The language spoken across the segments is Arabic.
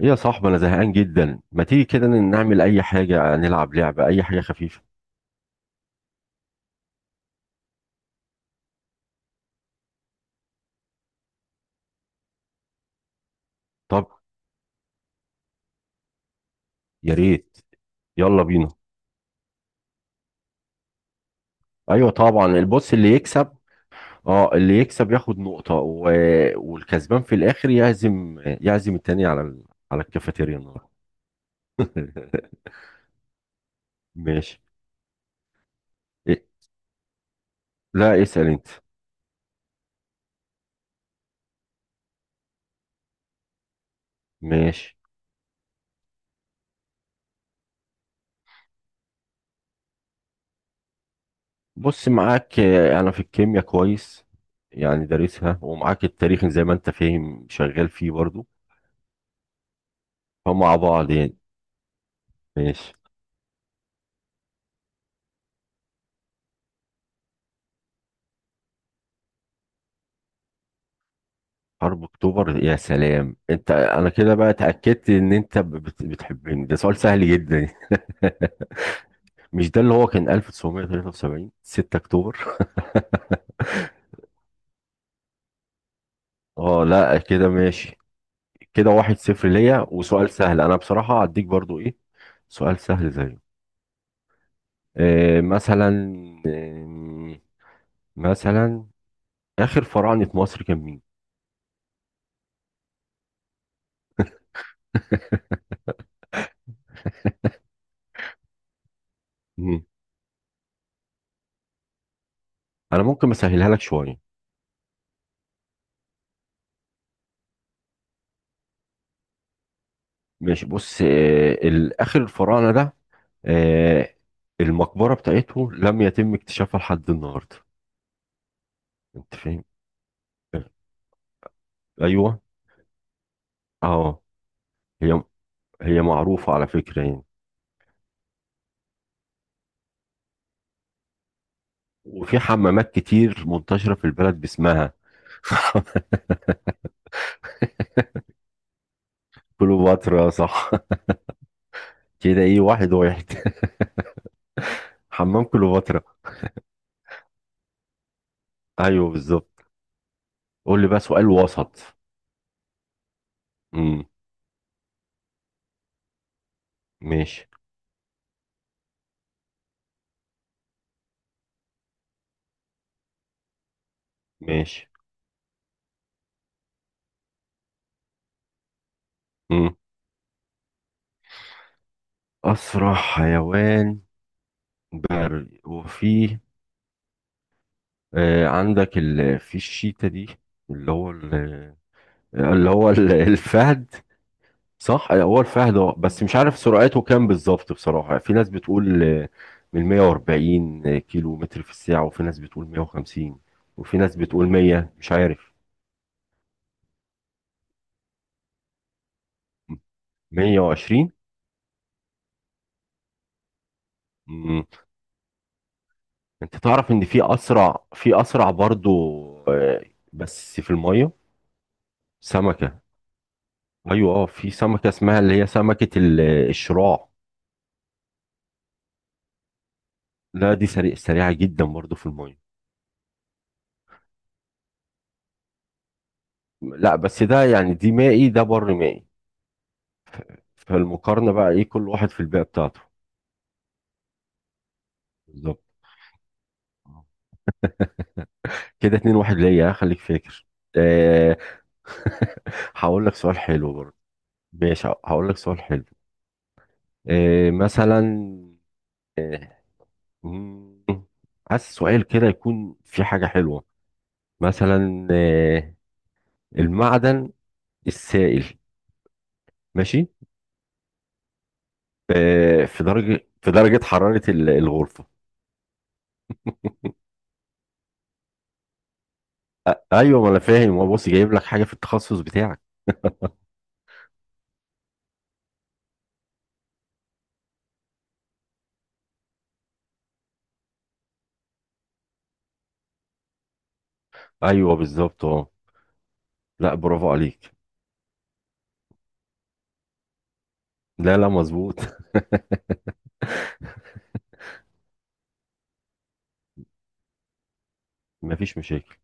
إيه يا صاحبي، انا زهقان جدا. ما تيجي كده نعمل اي حاجه، نلعب لعبه اي حاجه خفيفه. طب، يا ريت، يلا بينا. ايوه طبعا، البص اللي يكسب. اه، اللي يكسب ياخد نقطه والكسبان في الاخر يعزم التاني على على الكافيتيريا النهارده. ماشي. إيه؟ لا، اسال انت. ماشي، بص معاك انا في الكيمياء كويس، يعني دارسها ومعاك التاريخ زي ما انت فاهم شغال فيه برضو، فمع بعض يعني. ماشي. حرب اكتوبر؟ يا سلام انت، انا كده بقى اتاكدت ان انت بتحبني. ده سؤال سهل جدا. مش ده اللي هو كان 1973، 6 اكتوبر؟ اه، لا، كده ماشي. كده 1-0 ليا، وسؤال سهل انا بصراحه هديك برضو ايه، سؤال سهل زيه. مثلا، آه مثلا، اخر فراعنه مصر كان مين؟ مم. انا ممكن اسهلها لك شويه. ماشي، بص الآخر الفراعنة ده، آه، المقبرة بتاعته لم يتم اكتشافها لحد النهاردة. انت فاهم؟ آه، ايوه اه. هي، هي معروفة على فكرة يعني. وفي حمامات كتير منتشرة في البلد باسمها. كليوباترا، صح. كده ايه، 1-1. حمام كليوباترا. ايوه بالظبط. قول لي بقى سؤال وسط. امم ماشي. ماشي. امم اسرع حيوان بري. وفيه عندك في الشيتا دي، اللي هو ال... الفهد. صح هو الفهد. اه بس مش عارف سرعته كام بالظبط بصراحة. في ناس بتقول من 140 كيلو متر في الساعة، وفي ناس بتقول 150، وفي ناس بتقول 100. مش عارف. 120. مم. انت تعرف ان في اسرع برضو، آه، بس في المية، سمكة. ايوه في سمكة اسمها اللي هي سمكة الشراع. لا، دي سريعة جدا برضو في المية. لا بس ده يعني، دي مائي، ده بر مائي. فالمقارنة بقى ايه، كل واحد في البيئة بتاعته. بالظبط. آه. كده 2-1 ليا، خليك فاكر. أه هقول لك سؤال حلو برضه. ماشي، هقول لك سؤال حلو. مثلا، أه مم، عايز سؤال كده يكون في حاجة حلوة. مثلا المعدن السائل. ماشي. في درجة حرارة الغرفة. ايوه ما انا فاهم، هو بص جايب لك حاجة في التخصص بتاعك. ايوه بالظبط اه. لا، برافو عليك. لا، لا، مظبوط. مفيش مشاكل.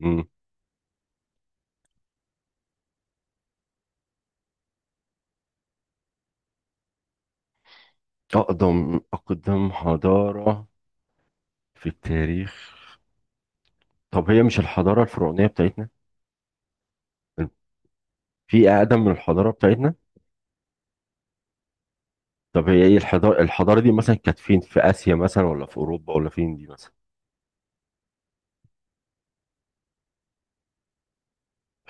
مم. اقدم حضاره في التاريخ. طب هي مش الحضاره الفرعونيه بتاعتنا؟ في اقدم من الحضاره بتاعتنا؟ طب هي ايه الحضاره دي مثلا كانت فين، في اسيا مثلا، ولا في اوروبا، ولا فين دي مثلا؟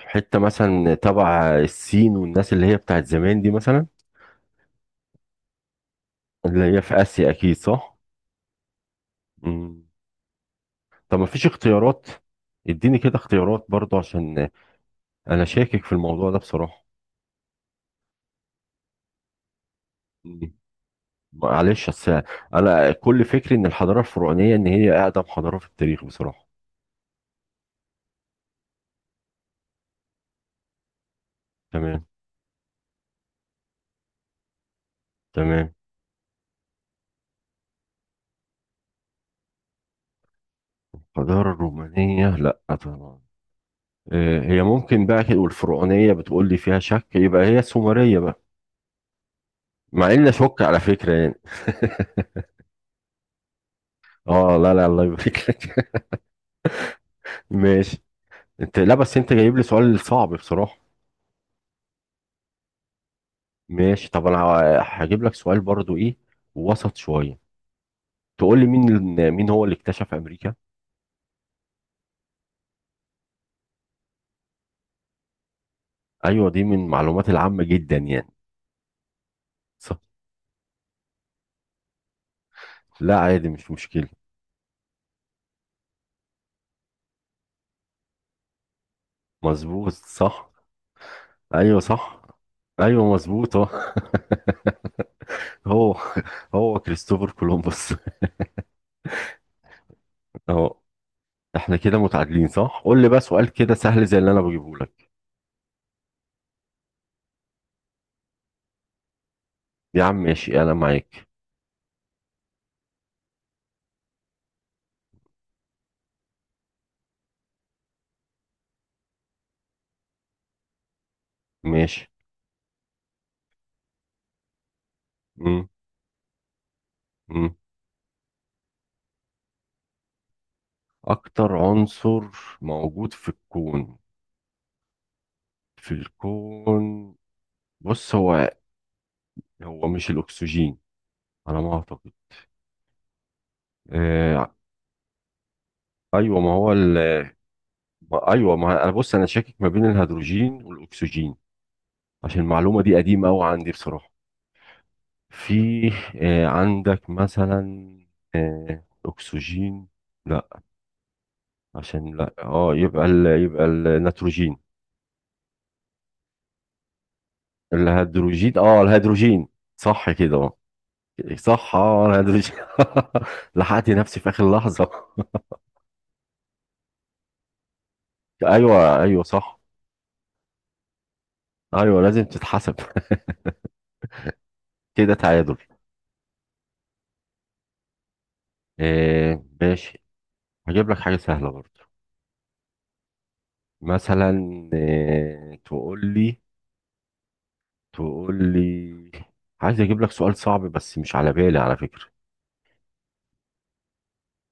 حته مثلا تبع الصين والناس اللي هي بتاعت زمان دي مثلا، اللي هي في اسيا، اكيد صح. مم. طب مفيش اختيارات؟ اديني كده اختيارات برضو عشان انا شاكك في الموضوع ده بصراحه. مم. معلش، اصل انا كل فكري ان الحضاره الفرعونيه ان هي اقدم حضاره في التاريخ بصراحه. تمام. تمام. الحضاره الرومانيه؟ لا طبعا. هي ممكن بقى كده، والفرعونيه بتقول لي فيها شك، يبقى هي السومريه بقى. مع اني اشك على فكره يعني. اه، لا، لا، الله يبارك لك. ماشي. انت، لا بس انت جايب لي سؤال صعب بصراحه. ماشي، طب انا هجيب لك سؤال برضو ايه، وسط شويه. تقول لي مين، مين هو اللي اكتشف امريكا. ايوه دي من المعلومات العامه جدا يعني. صح. لا، عادي، مش مشكلة. مظبوط، صح. ايوه صح. ايوه مظبوط اه. هو، هو كريستوفر كولومبوس. اهو. احنا كده متعادلين، صح؟ قول لي بقى سؤال كده سهل زي اللي انا بجيبه لك. يا عم ماشي، انا معاك. ماشي. مم. مم. اكتر عنصر موجود في الكون. في الكون، بص هو، هو مش الاكسجين على ما اعتقد. آه. ايوه ما هو. ما، ايوه، ما انا بص، انا شاكك ما بين الهيدروجين والاكسجين، عشان المعلومه دي قديمه قوي عندي بصراحه. في عندك مثلا، اكسجين. لا، عشان لا يبقى يبقى النيتروجين، الهيدروجين، صح كده اه. صح الهيدروجين. لحقت نفسي في اخر لحظه. ايوه، ايوه، صح. ايوه لازم تتحسب. كده تعادل. ماشي. هجيب لك حاجه سهله برضه. مثلا آه، تقول لي تقول لي، عايز اجيب لك سؤال صعب بس مش على بالي على فكرة.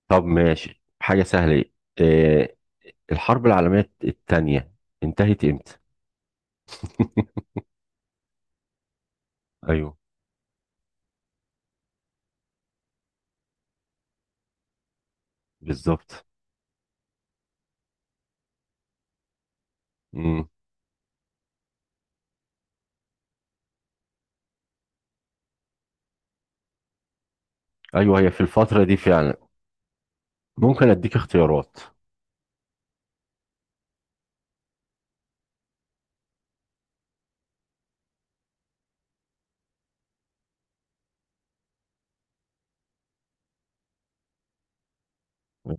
طب ماشي، حاجة سهلة. آه، الحرب العالمية التانية انتهت امتى؟ ايوه بالظبط. مم. ايوه هي في الفترة دي فعلا. ممكن اديك اختيارات.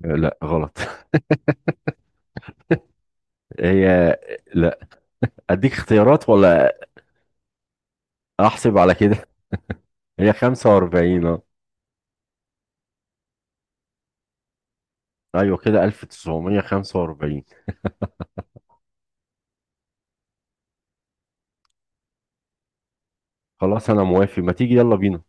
لا غلط. هي. لا، اديك اختيارات ولا؟ احسب على كده. هي 45 اه. ايوه كده 1945. خلاص، انا موافق، ما تيجي يلا بينا.